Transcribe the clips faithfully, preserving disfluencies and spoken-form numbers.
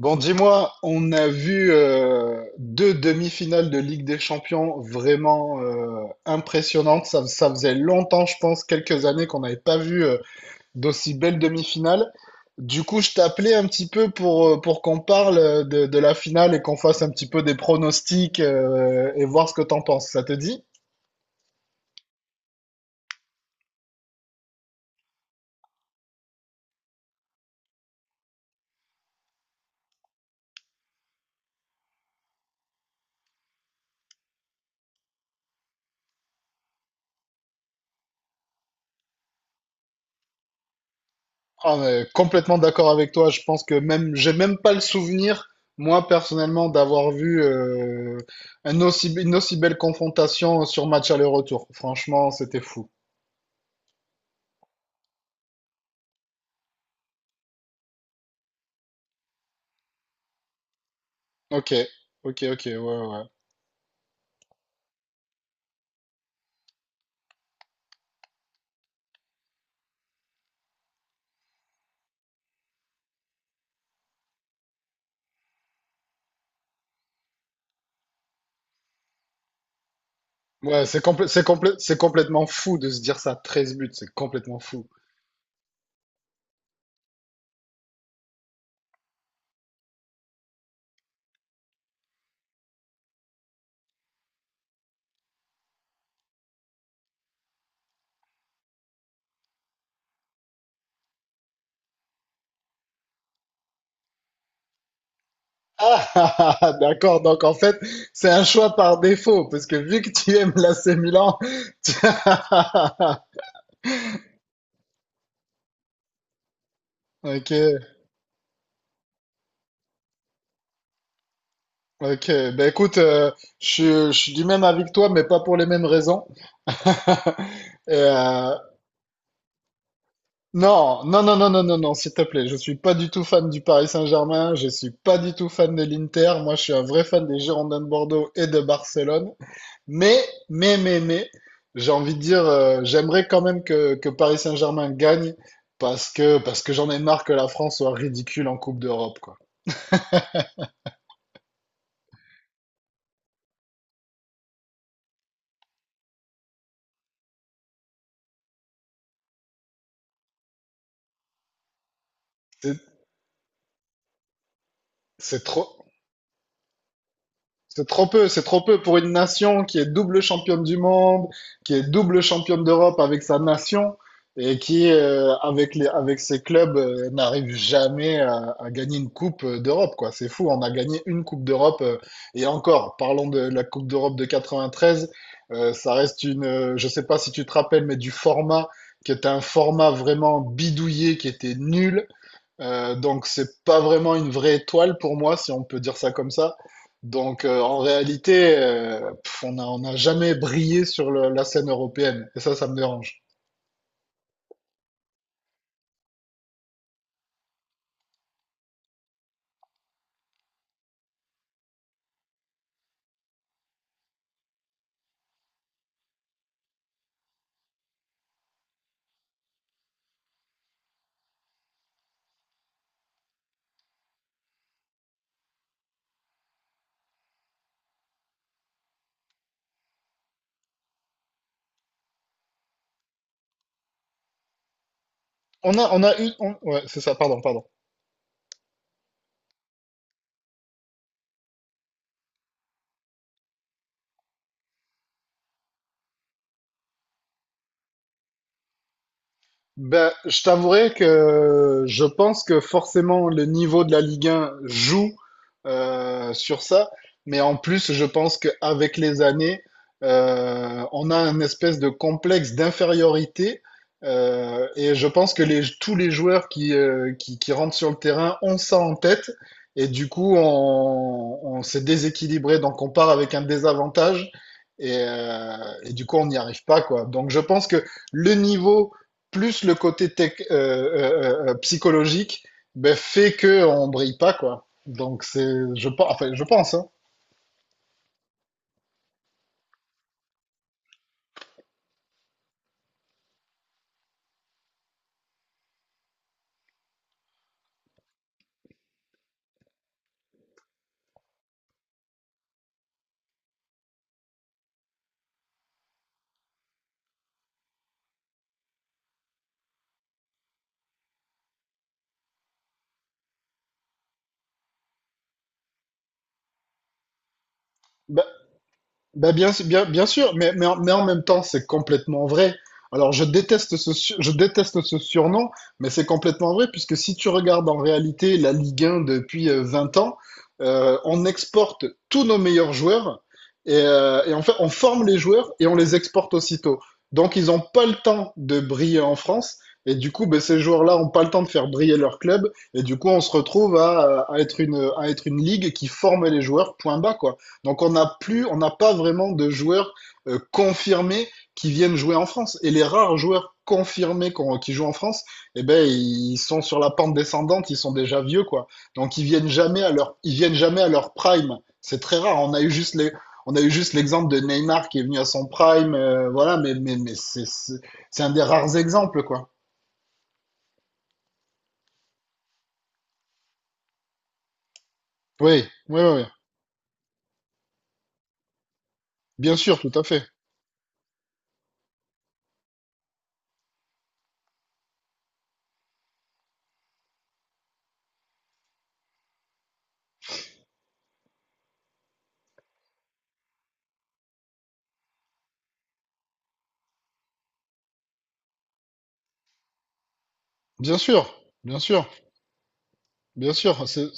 Bon, dis-moi, on a vu euh, deux demi-finales de Ligue des Champions vraiment euh, impressionnantes. Ça, ça faisait longtemps, je pense, quelques années qu'on n'avait pas vu euh, d'aussi belles demi-finales. Du coup, je t'appelais un petit peu pour, euh, pour qu'on parle euh, de, de la finale et qu'on fasse un petit peu des pronostics euh, et voir ce que t'en penses. Ça te dit? Ah, mais complètement d'accord avec toi. Je pense que même, j'ai même pas le souvenir, moi personnellement, d'avoir vu euh, un aussi, une aussi belle confrontation sur match aller-retour. Franchement, c'était fou. Ok, ok, ok, ouais, ouais. Ouais, ouais, c'est complè- c'est complè- c'est complètement fou de se dire ça. Treize buts, c'est complètement fou. Ah, ah, ah, ah, d'accord. Donc en fait, c'est un choix par défaut, parce que vu que tu aimes l'A C Milan, tu- ok, ok, ben écoute, euh, je, je suis du même avis que toi, mais pas pour les mêmes raisons. Et, euh, non, non, non, non, non, non, non, s'il te plaît, je suis pas du tout fan du Paris Saint-Germain, je suis pas du tout fan de l'Inter, moi je suis un vrai fan des Girondins de Bordeaux et de Barcelone. Mais, mais, mais, mais, j'ai envie de dire, euh, j'aimerais quand même que, que Paris Saint-Germain gagne parce que, parce que j'en ai marre que la France soit ridicule en Coupe d'Europe, quoi. C'est c'est trop, c'est trop peu, c'est trop peu pour une nation qui est double championne du monde, qui est double championne d'Europe avec sa nation et qui, euh, avec les, avec ses clubs, euh, n'arrive jamais à, à gagner une coupe euh, d'Europe, quoi. C'est fou, on a gagné une coupe d'Europe euh, et encore, parlons de la coupe d'Europe de quatre-vingt-treize, euh, ça reste une, euh, je sais pas si tu te rappelles, mais du format qui était un format vraiment bidouillé, qui était nul euh, donc c'est pas vraiment une vraie étoile pour moi, si on peut dire ça comme ça. Donc euh, en réalité, euh, pff, on a, on n'a jamais brillé sur le- la scène européenne. Et ça, ça me dérange. On a, on a eu... on- Ouais, c'est ça, pardon, pardon. Ben, je t'avouerai que je pense que forcément le niveau de la Ligue un joue euh, sur ça, mais en plus je pense qu'avec les années, euh, on a un espèce de complexe d'infériorité euh, et je pense que les, tous les joueurs qui, euh, qui, qui rentrent sur le terrain ont ça en tête et du coup on, on s'est déséquilibré, donc on part avec un désavantage et, euh, et du coup on n'y arrive pas quoi. Donc je pense que le niveau plus le côté tech, euh, euh, euh, euh, psychologique, ben, fait qu'on brille pas, quoi. Donc, c'est, je, pen- enfin, je pense, hein. Ben, Ben bien, su- bien, bien sûr, mais, mais, en mais en même temps, c'est complètement vrai. Alors, je déteste ce, su- je déteste ce surnom, mais c'est complètement vrai, puisque si tu regardes en réalité la Ligue un depuis euh, vingt ans, euh, on exporte tous nos meilleurs joueurs, et, euh, et en fait, on forme les joueurs et on les exporte aussitôt. Donc, ils n'ont pas le temps de briller en France, et du coup, ben, ces joueurs-là n'ont pas le temps de faire briller leur club, et du coup, on se retrouve à, à être une, à être une ligue qui forme les joueurs, point bas, quoi. Donc on n'a plus, on n'a pas vraiment de joueurs euh, confirmés qui viennent jouer en France. Et les rares joueurs confirmés qu'on- qui jouent en France, eh ben ils sont sur la pente descendante, ils sont déjà vieux quoi. Donc ils viennent jamais à leur, ils viennent jamais à leur prime. C'est très rare. On a eu juste les, on a eu juste l'exemple de Neymar qui est venu à son prime, euh, voilà. Mais mais mais c'est c'est c'est un des rares exemples quoi. Oui, oui, oui, oui. Bien sûr, tout à fait, bien sûr, bien sûr, bien sûr. C'est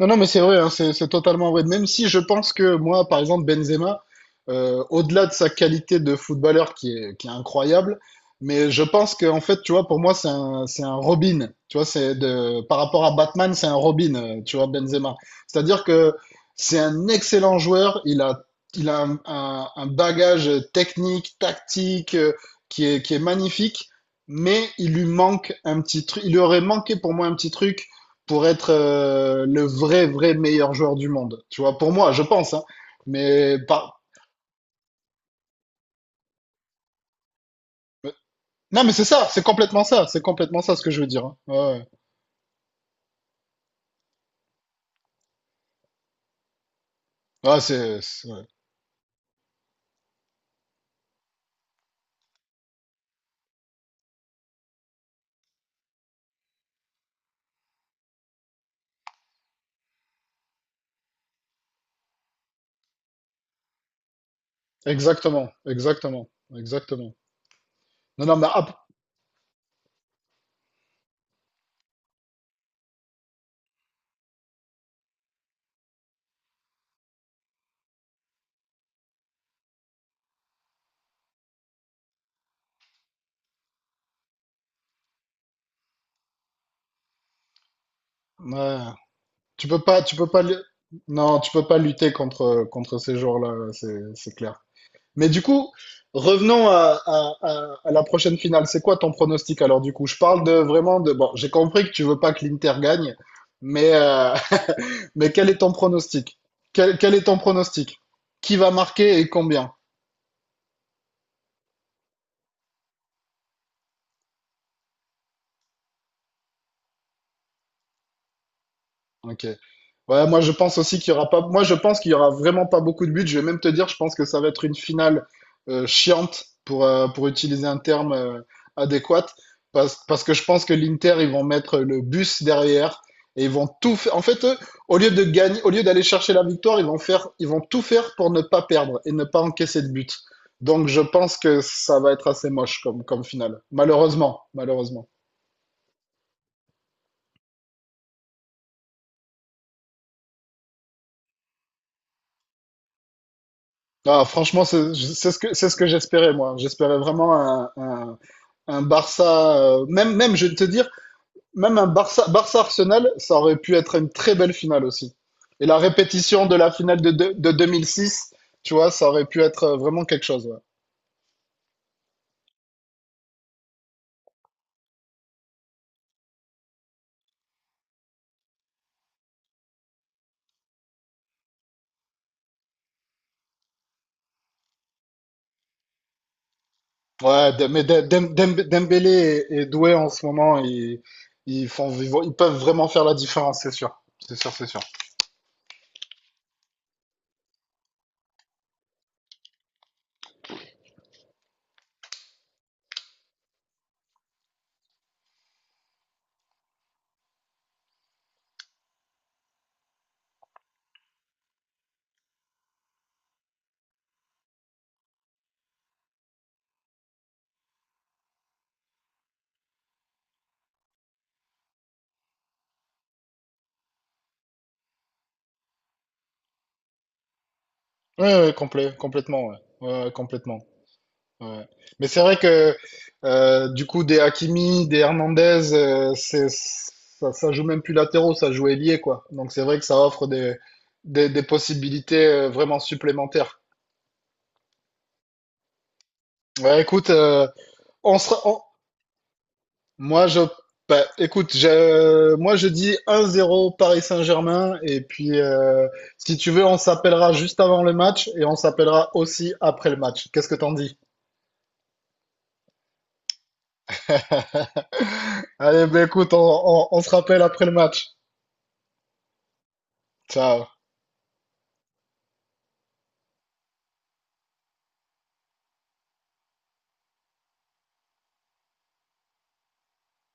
non, non, mais c'est vrai, hein, c'est c'est totalement vrai. Même si je pense que moi, par exemple, Benzema, euh, au-delà de sa qualité de footballeur qui est, qui est incroyable, mais je pense que en fait, tu vois, pour moi, c'est un, c'est un Robin. Tu vois, c'est de, par rapport à Batman, c'est un Robin, euh, tu vois, Benzema. C'est-à-dire que c'est un excellent joueur. Il a, il a un, un- un bagage technique, tactique, euh, qui est, qui est magnifique, mais il lui manque un petit truc. Il lui aurait manqué pour moi un petit truc pour être euh, le vrai, vrai meilleur joueur du monde. Tu vois, pour moi, je pense, hein. Mais pas. Non, mais c'est ça, c'est complètement ça, c'est complètement ça ce que je veux dire, hein. Ouais, ouais. Ouais, c'est c'est- ouais. Exactement, exactement, exactement. Non, non, mais hop, ouais. Tu peux pas, tu peux pas, lu- Non, tu peux pas lutter contre contre ces joueurs-là, c'est c'est clair. Mais du coup, revenons à, à, à, à la prochaine finale. C'est quoi ton pronostic alors du coup? Je parle de vraiment de, bon, j'ai compris que tu veux pas que l'Inter gagne, mais euh, mais quel est ton pronostic? Quel, quel est ton pronostic? Qui va marquer et combien? Ok. Ouais, moi je pense aussi qu'il y aura pas. Moi je pense qu'il y aura vraiment pas beaucoup de buts. Je vais même te dire, je pense que ça va être une finale euh, chiante pour euh, pour utiliser un terme euh, adéquat, parce parce que je pense que l'Inter ils vont mettre le bus derrière et ils vont tout faire. En fait, eux, au lieu de gagner, au lieu d'aller chercher la victoire, ils vont faire, ils vont tout faire pour ne pas perdre et ne pas encaisser de but. Donc je pense que ça va être assez moche comme comme finale. Malheureusement, malheureusement. Ah, franchement, c'est c'est ce que c'est ce que j'espérais moi. J'espérais vraiment un, un un Barça, euh, même, même, je vais te dire, même un Barça, Barça Arsenal, ça aurait pu être une très belle finale aussi. Et la répétition de la finale de, de, de deux mille six, tu vois, ça aurait pu être euh, vraiment quelque chose. Ouais, ouais de- mais de- Dem- Dem- Dembélé et, et Doué en ce moment, ils, ils font, ils vont- ils peuvent vraiment faire la différence, c'est sûr. C'est sûr, c'est sûr. Ouais, ouais, complè- complètement, ouais. Ouais, ouais, complètement. Ouais. Mais c'est vrai que euh, du coup, des Hakimi, des Hernandez, euh, c'est, ça, ça joue même plus latéraux, ça joue ailier, quoi. Donc c'est vrai que ça offre des, des, des possibilités euh, vraiment supplémentaires. Ouais, écoute, euh, on sera, on- moi je, bah, écoute, je, moi je dis un zéro Paris Saint-Germain et puis euh, si tu veux, on s'appellera juste avant le match et on s'appellera aussi après le match. Qu'est-ce que t'en dis? Allez, bah, écoute, on on- on se rappelle après le match. Ciao.